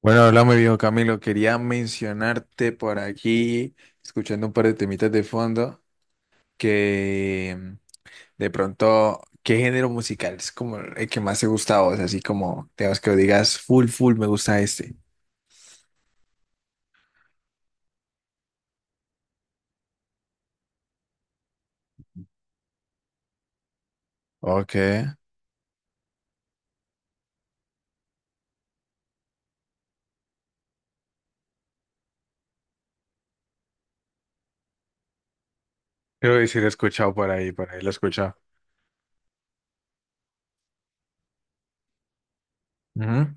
Bueno, hola, mi viejo Camilo. Quería mencionarte por aquí, escuchando un par de temitas de fondo, que mm, de pronto, ¿qué género musical es como el que más te gusta a vos? Así como, digamos que digas, full, full, me gusta este. Ok. Creo que sí lo he escuchado por ahí lo he escuchado. Ujú.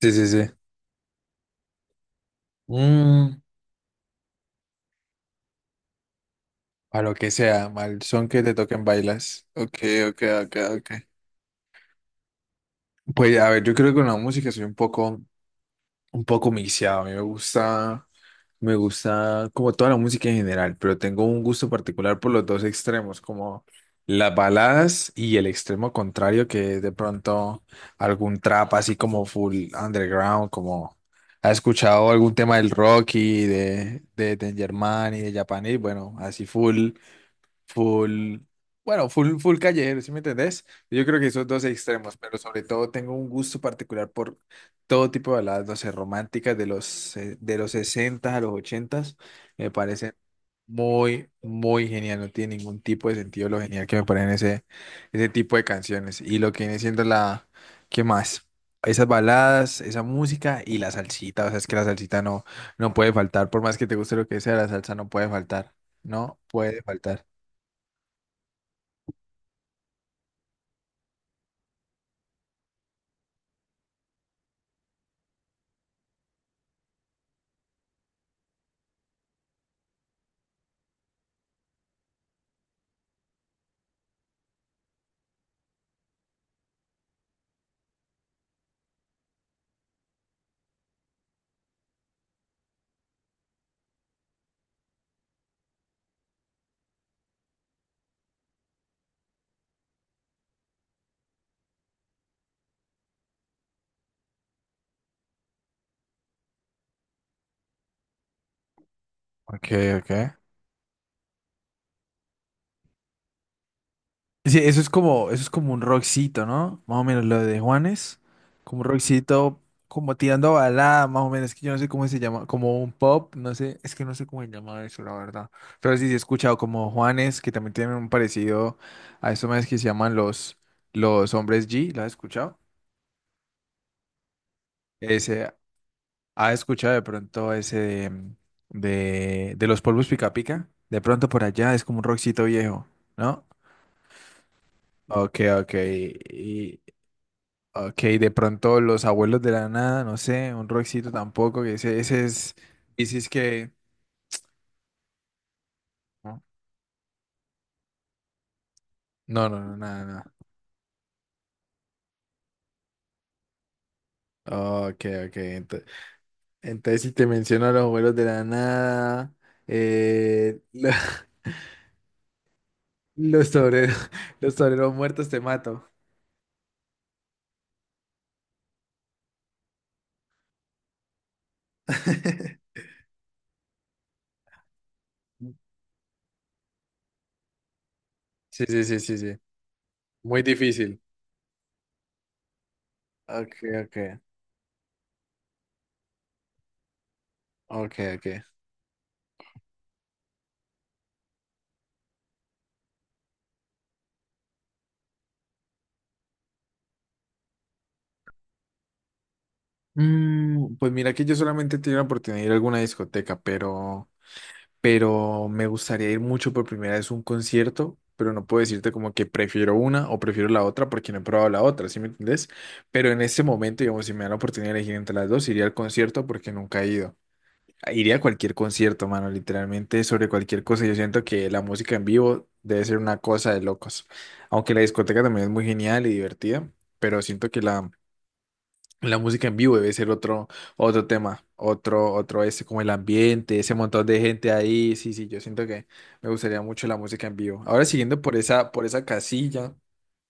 Sí, sí, sí. Mm, a lo que sea, mal son que te toquen bailas. Ok, ok, ok, ok. Pues a ver, yo creo que con la música soy un poco mixeado. A mí me gusta. Me gusta como toda la música en general, pero tengo un gusto particular por los dos extremos, como las baladas y el extremo contrario, que es de pronto algún trap así como full underground, como ha escuchado algún tema del Rocky, de Danger Man y de Japanese, bueno, así full full, bueno, full, full callejero, ¿sí me entendés? Yo creo que esos dos extremos, pero sobre todo tengo un gusto particular por todo tipo de baladas, no sé, románticas de los 60 a los 80, me parece muy, muy genial, no tiene ningún tipo de sentido lo genial que me parecen ese, ese tipo de canciones y lo que viene siendo la, ¿qué más? Esas baladas, esa música y la salsita, o sea, es que la salsita no, no puede faltar, por más que te guste lo que sea, la salsa no puede faltar, no puede faltar. Ok, ok. Sí, eso es como un rockcito, ¿no? Más o menos lo de Juanes, como un rockcito, como tirando a balada, más o menos, es que yo no sé cómo se llama, como un pop, no sé, es que no sé cómo se llama eso, la verdad. Pero sí, sí he escuchado como Juanes, que también tienen un parecido a esos más que se llaman los hombres G, ¿lo has escuchado? Ese, ¿has escuchado de pronto ese de, de los polvos pica pica? De pronto por allá es como un rockcito viejo, ¿no? Ok, ok. Y, ok, de pronto los abuelos de la nada, no sé, un rockcito tampoco, que ese es, y si es que, no, no, no, no, nada, nada. Ok, ok, entonces si te menciono a los abuelos de la nada, eh, lo- los toreros, los toreros muertos te mato. Sí, sí, sí, sí, sí, muy difícil. Ok, ok, ok, ok. Mm, pues mira que yo solamente he tenido la oportunidad de ir a alguna discoteca, pero me gustaría ir mucho por primera vez a un concierto, pero no puedo decirte como que prefiero una o prefiero la otra porque no he probado la otra, ¿sí me entendés? Pero en este momento, digamos, si me dan la oportunidad de elegir entre las dos, iría al concierto porque nunca he ido. Iría a cualquier concierto, mano, literalmente sobre cualquier cosa. Yo siento que la música en vivo debe ser una cosa de locos. Aunque la discoteca también es muy genial y divertida, pero siento que la música en vivo debe ser otro, otro tema, otro, otro ese, como el ambiente, ese montón de gente ahí. Sí, sí, yo siento que me gustaría mucho la música en vivo. Ahora siguiendo por esa casilla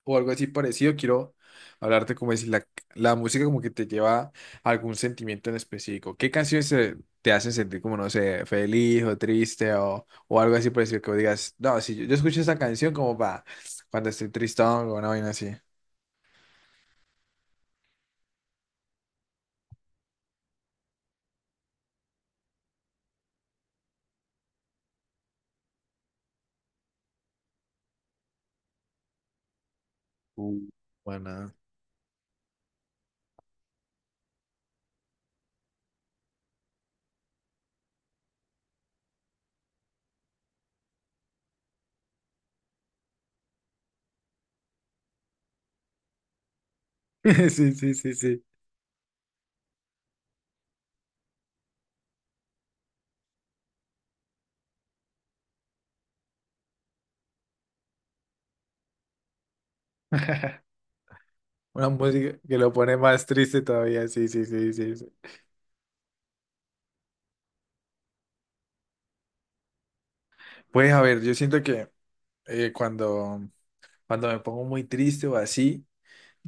o algo así parecido, quiero hablarte como decir, la música como que te lleva a algún sentimiento en específico. ¿Qué canciones te hacen sentir como, no sé, feliz o triste o algo así parecido que vos digas, no, si yo, yo escucho esa canción como para cuando estoy tristón o una vaina así? Uh, bueno. Sí, sí, sí, sí. Una música que lo pone más triste todavía. Sí, sí, sí, sí, sí. Pues a ver, yo siento que eh, cuando, cuando me pongo muy triste o así,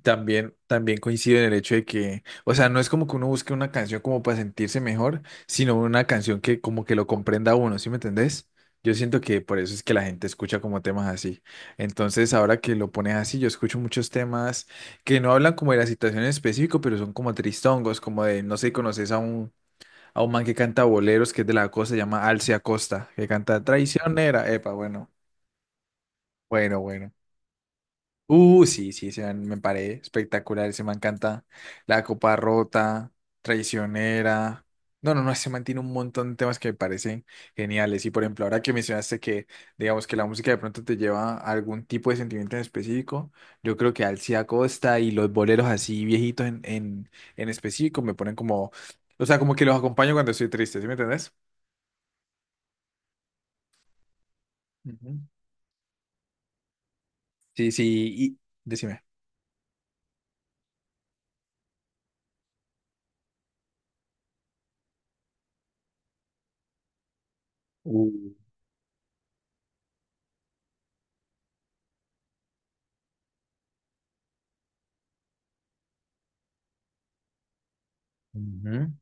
también, también coincido en el hecho de que, o sea, no es como que uno busque una canción como para sentirse mejor, sino una canción que como que lo comprenda a uno, ¿sí me entendés? Yo siento que por eso es que la gente escucha como temas así. Entonces, ahora que lo pones así, yo escucho muchos temas que no hablan como de la situación en específico, pero son como tristongos, como de, no sé, conoces a un man que canta boleros, que es de la costa, se llama Alcia Costa, que canta Traicionera. Epa, bueno, bueno, bueno. Sí, sí, ese man me paré espectacular. Ese man canta La Copa Rota, Traicionera. No, no, no, ese man tiene un montón de temas que me parecen geniales. Y por ejemplo, ahora que mencionaste que, digamos, que la música de pronto te lleva a algún tipo de sentimiento en específico, yo creo que Alcia Costa y los boleros así viejitos en específico me ponen como, o sea, como que los acompaño cuando estoy triste, ¿sí me entendés? Ujú. Sí, sí, y decime. Uh, ujú.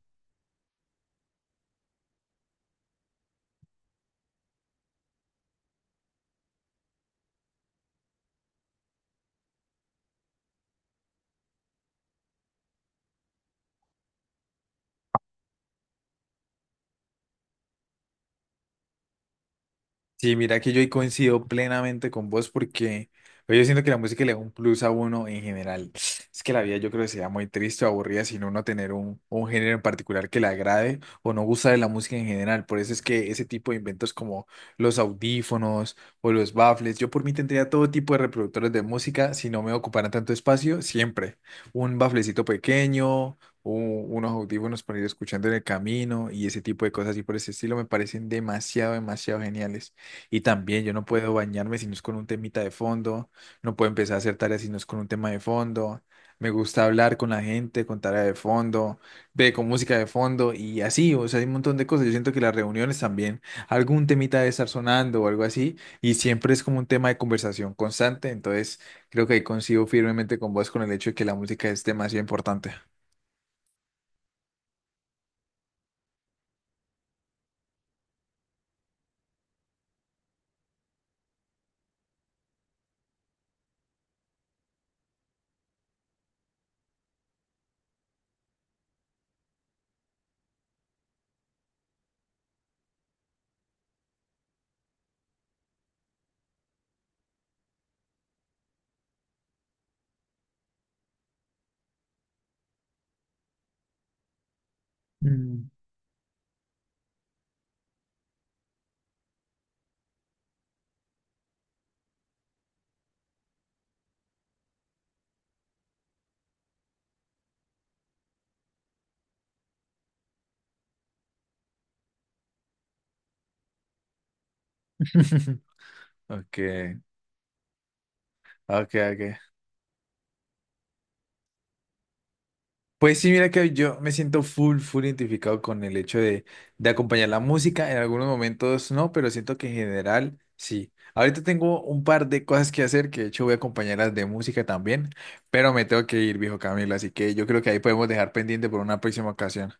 Sí, mira que yo ahí coincido plenamente con vos porque pues, yo siento que la música le da un plus a uno en general. Es que la vida yo creo que sería muy triste o aburrida sin uno tener un género en particular que le agrade o no gusta de la música en general. Por eso es que ese tipo de inventos como los audífonos o los baffles, yo por mí tendría todo tipo de reproductores de música si no me ocuparan tanto espacio, siempre. Un bafflecito pequeño. Unos audífonos para ir escuchando en el camino y ese tipo de cosas y por ese estilo me parecen demasiado, demasiado geniales. Y también yo no puedo bañarme si no es con un temita de fondo, no puedo empezar a hacer tareas si no es con un tema de fondo. Me gusta hablar con la gente, con tarea de fondo, ve con música de fondo y así, o sea, hay un montón de cosas. Yo siento que las reuniones también, algún temita debe estar sonando o algo así, y siempre es como un tema de conversación constante. Entonces, creo que ahí coincido firmemente con vos con el hecho de que la música es demasiado importante. Mm. Ok, ok, ok. Pues sí, mira que yo me siento full, full identificado con el hecho de acompañar la música. En algunos momentos no, pero siento que en general sí. Ahorita tengo un par de cosas que hacer, que de hecho voy a acompañarlas de música también, pero me tengo que ir, viejo Camilo, así que yo creo que ahí podemos dejar pendiente por una próxima ocasión.